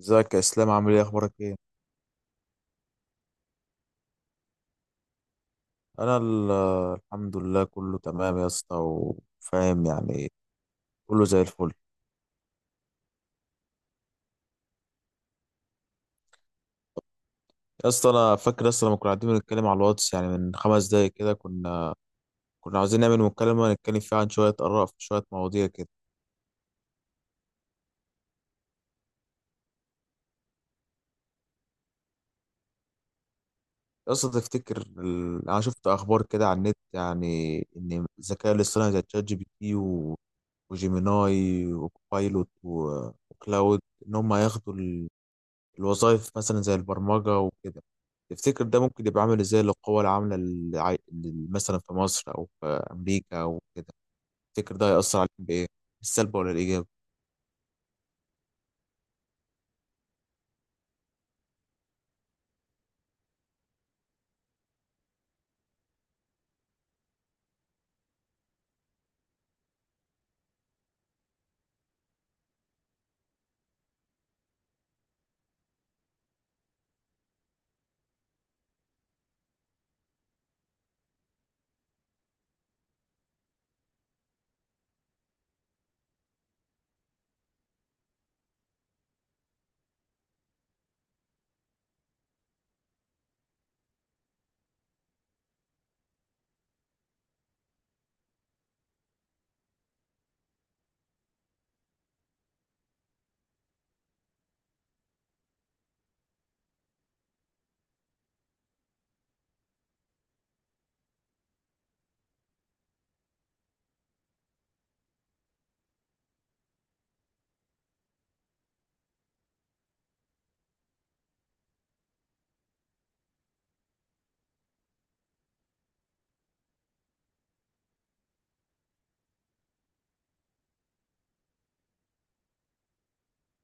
ازيك يا اسلام؟ عامل ايه؟ اخبارك ايه؟ انا ال- الحمد لله، كله تمام يا اسطى وفاهم يعني. كله زي الفل. يا اسطى، انا فاكر يا اسطى لما كنا قاعدين بنتكلم على الواتس، يعني من 5 دقايق كده، كنا عاوزين نعمل مكالمه نتكلم فيها عن شويه اراء في شويه مواضيع كده. يا اسطى تفتكر انا شفت اخبار كده على النت، يعني ان الذكاء الاصطناعي زي تشات جي بي تي وجيميناي وكوبايلوت وكلاود ان هم هياخدوا الوظائف، مثلا زي البرمجة وكده. تفتكر ده ممكن يبقى عامل ازاي للقوى العاملة مثلا في مصر أو في أمريكا أو كده؟ تفتكر ده هيأثر عليهم بإيه؟ بالسلب ولا الإيجاب؟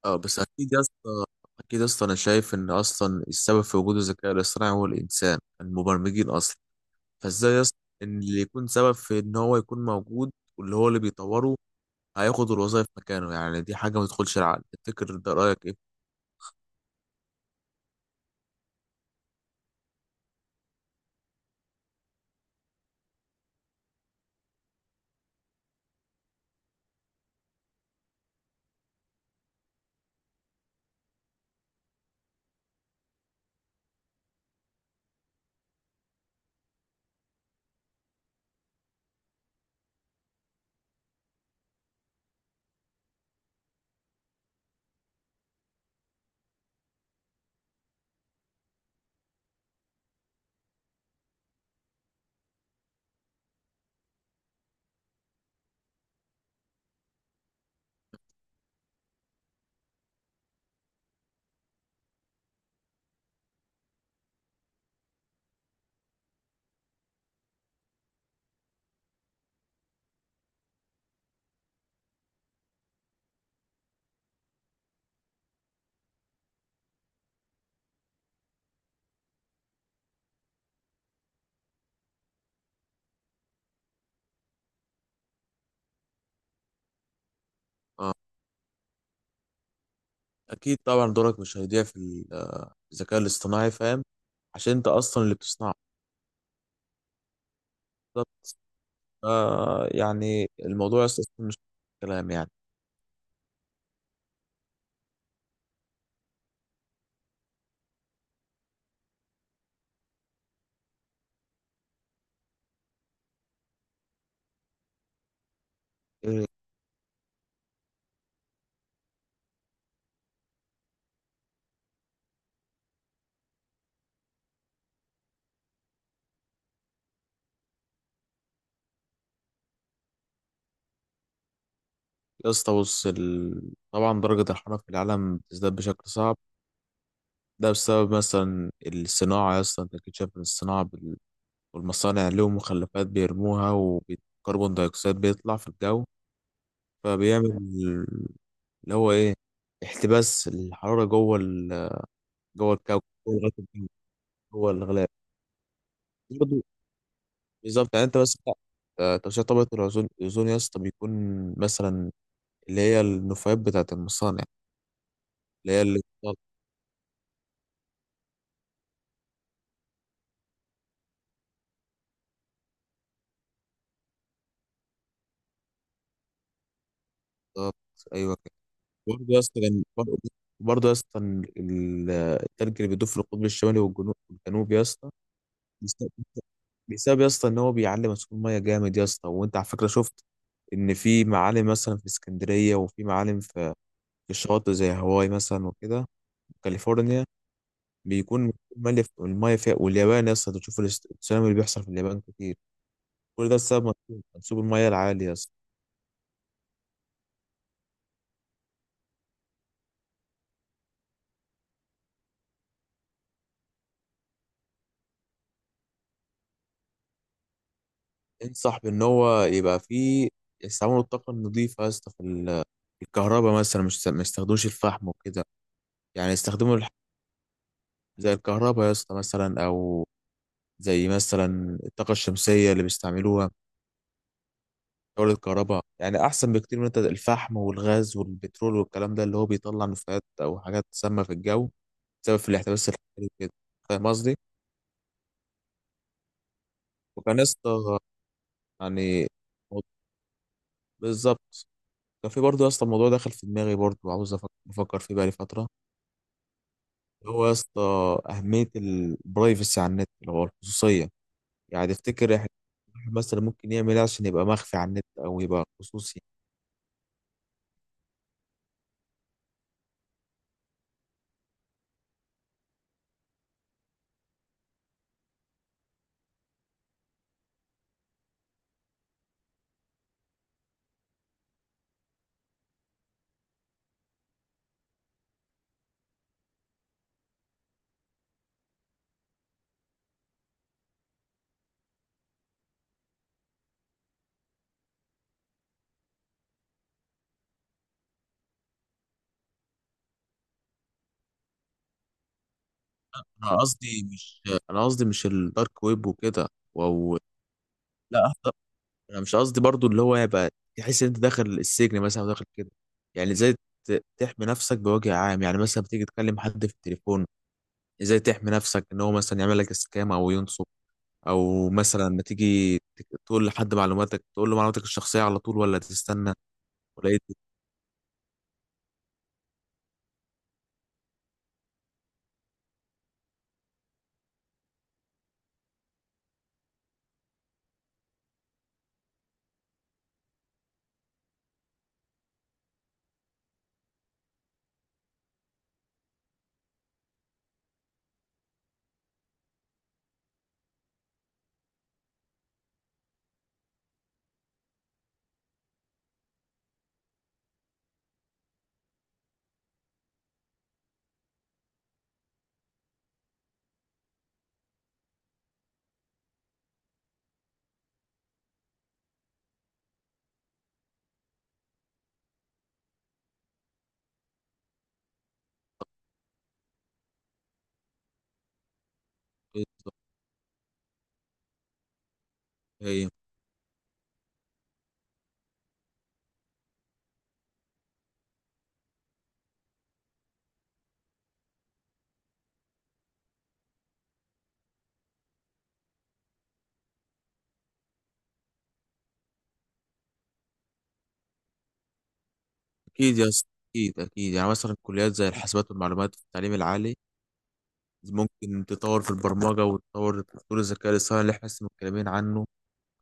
اه بس أكيد يا اسطى، أكيد يا اسطى، أنا شايف إن أصلا السبب في وجود الذكاء الاصطناعي هو الإنسان، المبرمجين أصلا. فإزاي يا اسطى إن اللي يكون سبب في إن هو يكون موجود واللي هو اللي بيطوره هياخد الوظائف مكانه؟ يعني دي حاجة ما تدخلش العقل. تفتكر ده رأيك إيه؟ اه، اكيد طبعا دورك مش هيضيع في الذكاء الاصطناعي، فاهم؟ عشان انت اصلا اللي بتصنعه. بالظبط. يعني الموضوع اصلا مش كلام يعني. إيه، يا اسطى بص، طبعا درجة الحرارة في العالم بتزداد بشكل صعب. ده بسبب مثلا الصناعة، يا اسطى انت اكيد شايف إن الصناعة والمصانع لهم مخلفات بيرموها، وكربون دايوكسيد بيطلع في الجو، فبيعمل اللي هو ايه، احتباس الحرارة جوه الكوكب، جوه الغلاف الجوي، جوه الغلاف. بالظبط. يعني انت بس، ترشيح طبقة الأوزون. الأوزون يا اسطى بيكون مثلا اللي هي النفايات بتاعة المصانع، اللي هي اللي بالظبط. أيوه كده. برضه يا اسطى كان- برضه برضه يا اسطى، التلج اللي بيدوب في القطب الشمالي والجنوب يا اسطى، بيس- بسبب يا اسطى إن هو بيعلي مسؤول مية جامد يا اسطى. وأنت على فكرة شفت إن في معالم مثلا في اسكندرية، وفي معالم في في الشواطئ زي هاواي مثلا وكده، كاليفورنيا، بيكون ملف المايه فيها. واليابان يا اسطى، تشوف التسونامي اللي بيحصل في اليابان كتير، كل ده بسبب منسوب المايه العالي يا اسطى. انصح بان هو يبقى فيه يستعملوا الطاقه النظيفه يا اسطى في في الكهرباء مثلا، مش ما يستخدموش الفحم وكده. يعني يستخدموا زي الكهرباء يا اسطى مثلا، او زي مثلا الطاقه الشمسيه اللي بيستعملوها تولد الكهرباء، يعني احسن بكتير من انت الفحم والغاز والبترول والكلام ده اللي هو بيطلع نفايات او حاجات سامه في الجو، بسبب في الاحتباس الحراري وكده. فاهم قصدي؟ وكان يا اسطى يعني بالظبط، كان في برضه يا اسطى الموضوع دخل في دماغي، برضه وعاوز بفكر فيه بقالي فترة. هو يا اسطى أهمية البرايفسي على النت اللي هو الخصوصية، يعني تفتكر إحنا الواحد مثلا ممكن يعمل ايه عشان يبقى مخفي على النت او يبقى خصوصي؟ انا قصدي مش انا قصدي مش الدارك ويب وكده، او لا، انا مش قصدي برضو اللي هو يبقى تحس ان انت داخل السجن مثلا أو داخل كده. يعني زي تحمي نفسك بوجه عام، يعني مثلا بتيجي تكلم حد في التليفون، ازاي تحمي نفسك ان هو مثلا يعمل لك سكام او ينصب، او مثلا لما تيجي تقول لحد معلوماتك، تقول له معلوماتك الشخصيه على طول ولا تستنى؟ ولا ايه؟ إيه- إيه؟ اكيد يا اسطى، اكيد، يعني مثلا كليات زي الحاسبات والمعلومات في التعليم العالي ممكن تطور في البرمجه وتطور في تطوير الذكاء الاصطناعي اللي احنا لسه متكلمين عنه،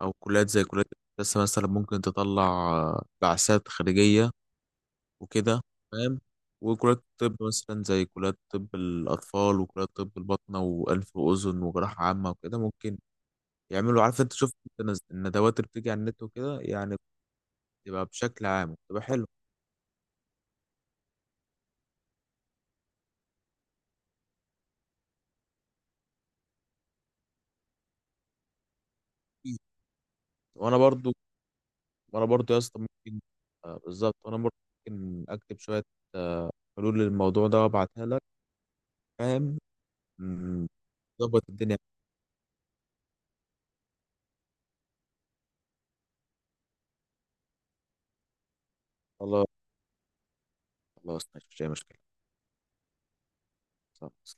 او كليات زي كليات الهندسه مثلا ممكن تطلع بعثات خارجيه وكده، فاهم؟ وكليات الطب مثلا زي كليات طب الأطفال وكليات طب الباطنة وأنف وأذن وجراحة عامة وكده ممكن يعملوا، عارف أنت شفت أنت الندوات اللي بتيجي على النت وكده، يعني بتبقى بشكل عام بتبقى حلوة. وأنا برضو وأنا برضو يا اسطى ممكن، بالظبط. وأنا برضو ممكن أكتب شوية آه، حلول للموضوع ده وأبعتها لك، فاهم؟ مم، ظبط الدنيا. خلاص، خلاص ماشي، مش مشكلة. خلاص.